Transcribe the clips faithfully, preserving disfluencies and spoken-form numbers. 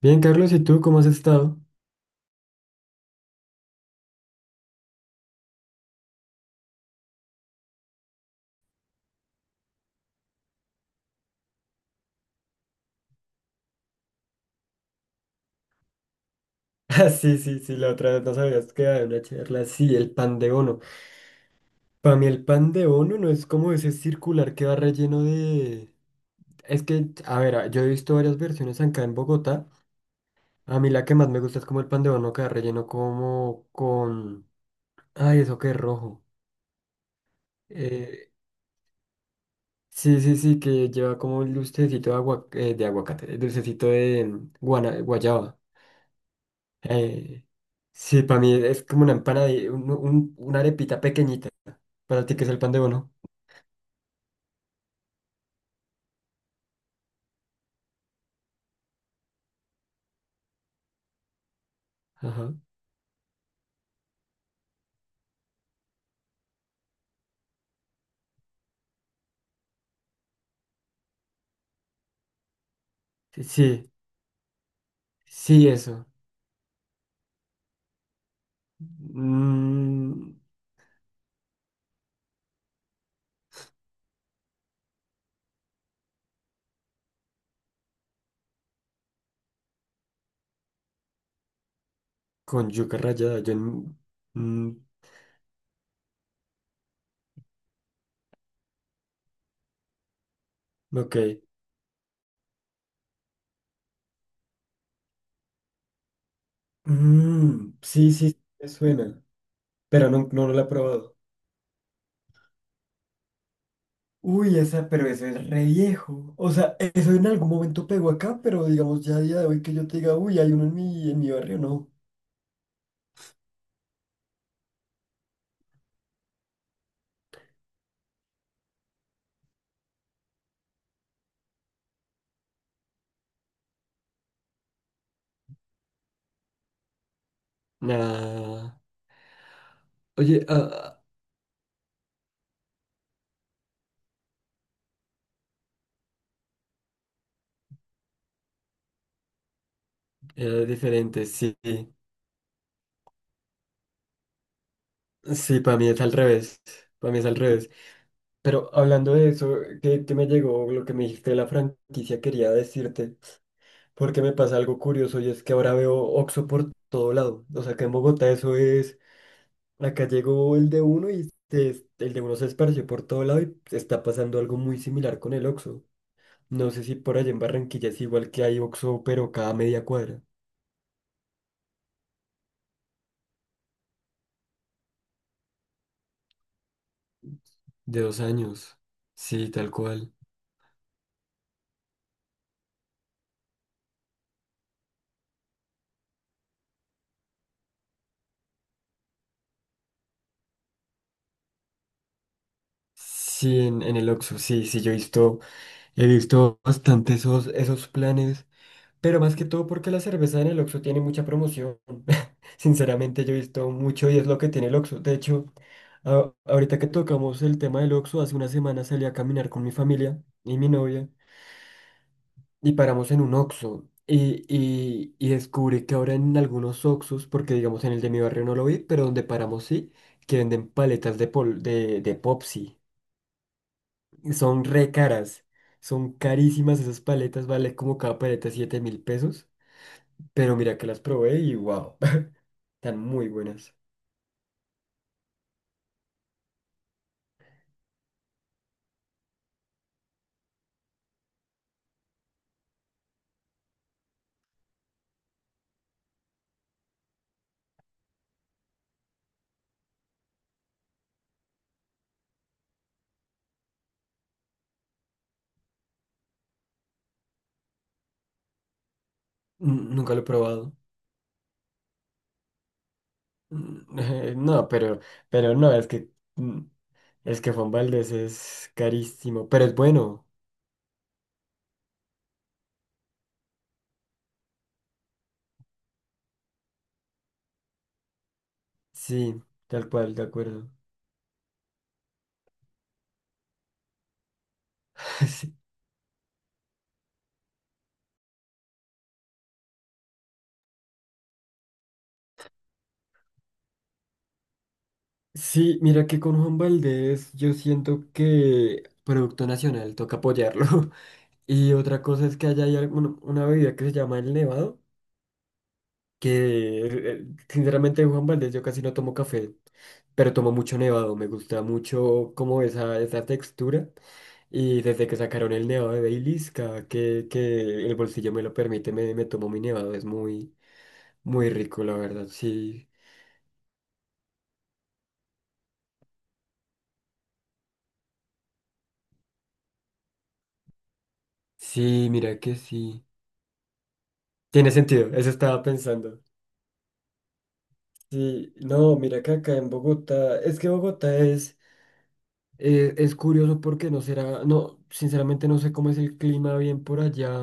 Bien, Carlos, ¿y tú cómo has estado? Ah, sí, sí, sí, la otra vez nos habías quedado en una charla. Sí, el pan de bono. Para mí el pan de bono no es como ese circular que va relleno de. Es que, a ver, a- yo he visto varias versiones acá en Bogotá. A mí la que más me gusta es como el pan de bono que va relleno como con. Ay, eso que es rojo. Eh, sí, sí, sí, que lleva como un dulcecito de, agua, eh, de aguacate, el dulcecito de mm, guana- guayaba. Eh, sí, para mí es como una empanadilla, un- un- una arepita pequeñita. ¿Para ti que es el pan de bono? Ajá. Sí, sí, sí, eso. Mm, con yuca rallada. yo... n- mm, ok. Mm, sí, sí, me suena, pero no, no, no la he probado. Uy, esa, pero eso es re viejo. O sea, eso en algún momento pegó acá, pero digamos ya a día de hoy que yo te diga, uy, hay uno en mi, en mi barrio, no. Nah. Oye, ah, era diferente, sí. Sí, para mí es al revés. Para mí es al revés. Pero hablando de eso, que, que me llegó lo que me dijiste de la franquicia, quería decirte, porque me pasa algo curioso y es que ahora veo Oxxo por todo lado. O sea, que en Bogotá eso es. Acá llegó el de uno y se- el de uno se esparció por todo lado y está pasando algo muy similar con el Oxxo. No sé si por allá en Barranquilla es igual que hay Oxxo, pero cada media cuadra. De dos años. Sí, tal cual. Sí, en, en el Oxxo, sí, sí, yo he visto, he visto bastante esos, esos planes. Pero más que todo porque la cerveza en el Oxxo tiene mucha promoción. Sinceramente yo he visto mucho y es lo que tiene el Oxxo. De hecho, a- ahorita que tocamos el tema del Oxxo, hace una semana salí a caminar con mi familia y mi novia y paramos en un Oxxo. Y, y, y descubrí que ahora en algunos Oxxos, porque digamos en el de mi barrio no lo vi, pero donde paramos sí, que venden paletas de, pol- de, de Popsi. Y son re caras. Son carísimas esas paletas, vale como cada paleta siete mil pesos. Pero mira que las probé y wow, están muy buenas. Mm, Nunca lo he probado. Mm, No, pero, pero no, es que mm, es que Juan Valdez es carísimo, pero es bueno. Sí, tal cual, de acuerdo. Sí, sí, mira que con Juan Valdez yo siento que Producto Nacional toca apoyarlo. Y otra cosa es que allá hay alguna- una bebida que se llama el Nevado. Que eh, eh, sinceramente Juan Valdez yo casi no tomo café, pero tomo mucho nevado, me gusta mucho como esa, esa textura y desde que sacaron el nevado de Baileys, cada que, que el bolsillo me lo permite me, me tomo mi nevado, es muy, muy rico la verdad. Sí, sí, mira que sí, tiene sentido, eso estaba pensando. Sí, no, mira que acá en Bogotá, es que Bogotá es, eh, es curioso porque no será, no, sinceramente no sé cómo es el clima bien por allá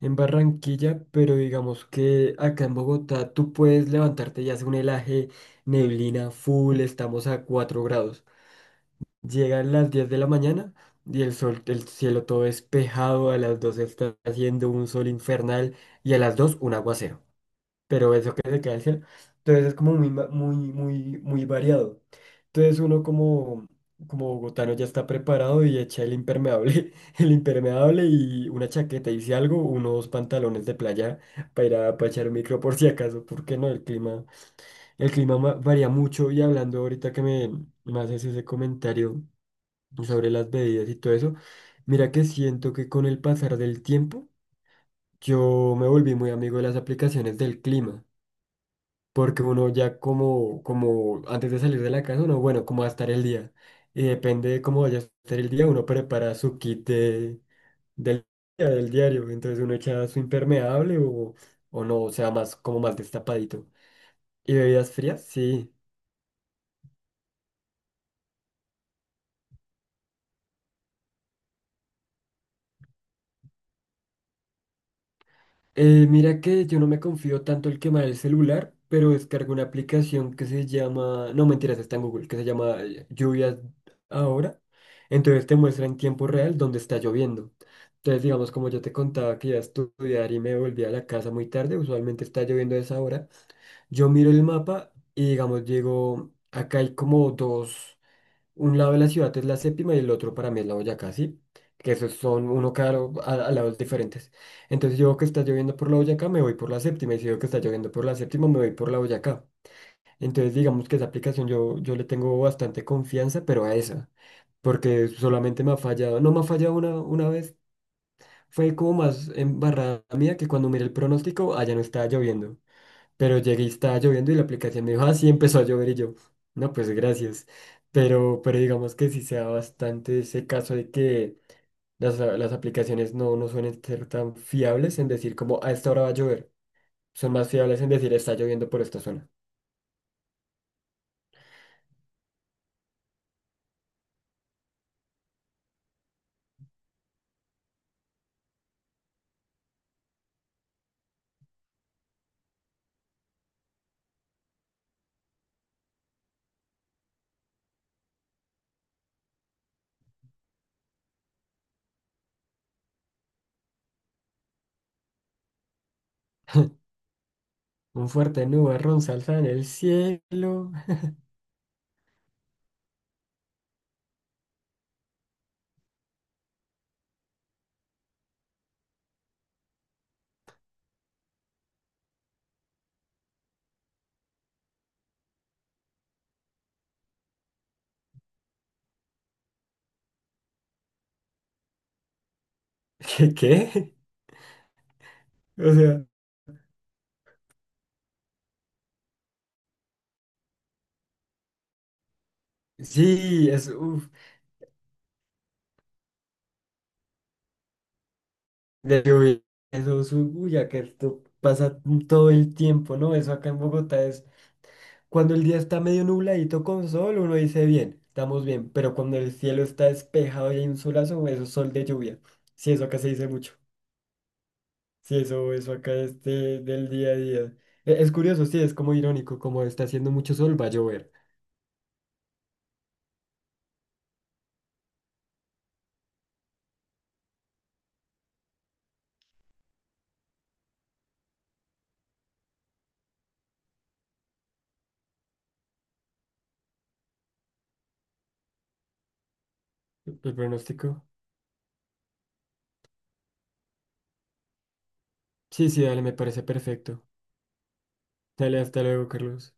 en Barranquilla, pero digamos que acá en Bogotá tú puedes levantarte y hace un helaje, neblina full, estamos a cuatro grados. Llegan las diez de la mañana y el sol, el cielo todo despejado, a las dos está haciendo un sol infernal y a las dos un aguacero, pero eso que se queda el cielo. Entonces es como muy, ma- muy, muy, muy variado. Entonces uno como, como bogotano ya está preparado y echa el impermeable, el impermeable y una chaqueta y si algo, unos pantalones de playa para ir a para echar micro por si acaso, porque no, el clima, el clima ma- varía mucho y hablando ahorita que me, me haces ese comentario sobre las bebidas y todo eso, mira que siento que con el pasar del tiempo yo me volví muy amigo de las aplicaciones del clima porque uno ya como, como antes de salir de la casa, uno, bueno, cómo va a estar el día. Y depende de cómo vaya a estar el día, uno prepara su kit de- del día, del diario. Entonces uno echa su impermeable o, o no, o sea, más como más destapadito. ¿Y bebidas frías? Sí. Eh, mira que yo no me confío tanto el quemar el celular, pero descargo una aplicación que se llama, no mentiras, está en Google, que se llama eh, Lluvias Ahora. Entonces te muestra en tiempo real dónde está lloviendo. Entonces, digamos, como yo te contaba que iba a estudiar y me volví a la casa muy tarde, usualmente está lloviendo a esa hora, yo miro el mapa y, digamos, llego, acá hay como dos. Un lado de la ciudad es la séptima y el otro para mí es la Boyacá, ¿sí? Que esos son uno cada lo- a, a lados diferentes. Entonces yo veo que está lloviendo por la Boyacá, me voy por la séptima. Y si veo que está lloviendo por la séptima, me voy por la Boyacá. Entonces digamos que esa aplicación yo, yo le tengo bastante confianza, pero a esa. Porque solamente me ha fallado, no me ha fallado una, una vez. Fue como más embarrada mía que cuando miré el pronóstico, allá no estaba lloviendo. Pero llegué y estaba lloviendo y la aplicación me dijo, ah, sí, empezó a llover y yo, no, pues gracias. Pero, pero digamos que sí se da bastante ese caso de que las, a- las aplicaciones no, no suelen ser tan fiables en decir como a esta hora va a llover. Son más fiables en decir está lloviendo por esta zona. Un fuerte nubarrón salta en el cielo. ¿Qué? ¿Qué? O sea, sí, es, uff, de lluvia. Eso es, un- uy, ya que esto pasa todo el tiempo, ¿no? Eso acá en Bogotá es cuando el día está medio nubladito con sol, uno dice bien, estamos bien, pero cuando el cielo está despejado y hay un solazo, eso es sol de lluvia. Sí, eso acá se dice mucho. Sí, eso, eso acá es de- del día a día. E- Es curioso, sí, es como irónico, como está haciendo mucho sol, va a llover. El pronóstico. Sí, sí, dale, me parece perfecto. Dale, hasta luego, Carlos.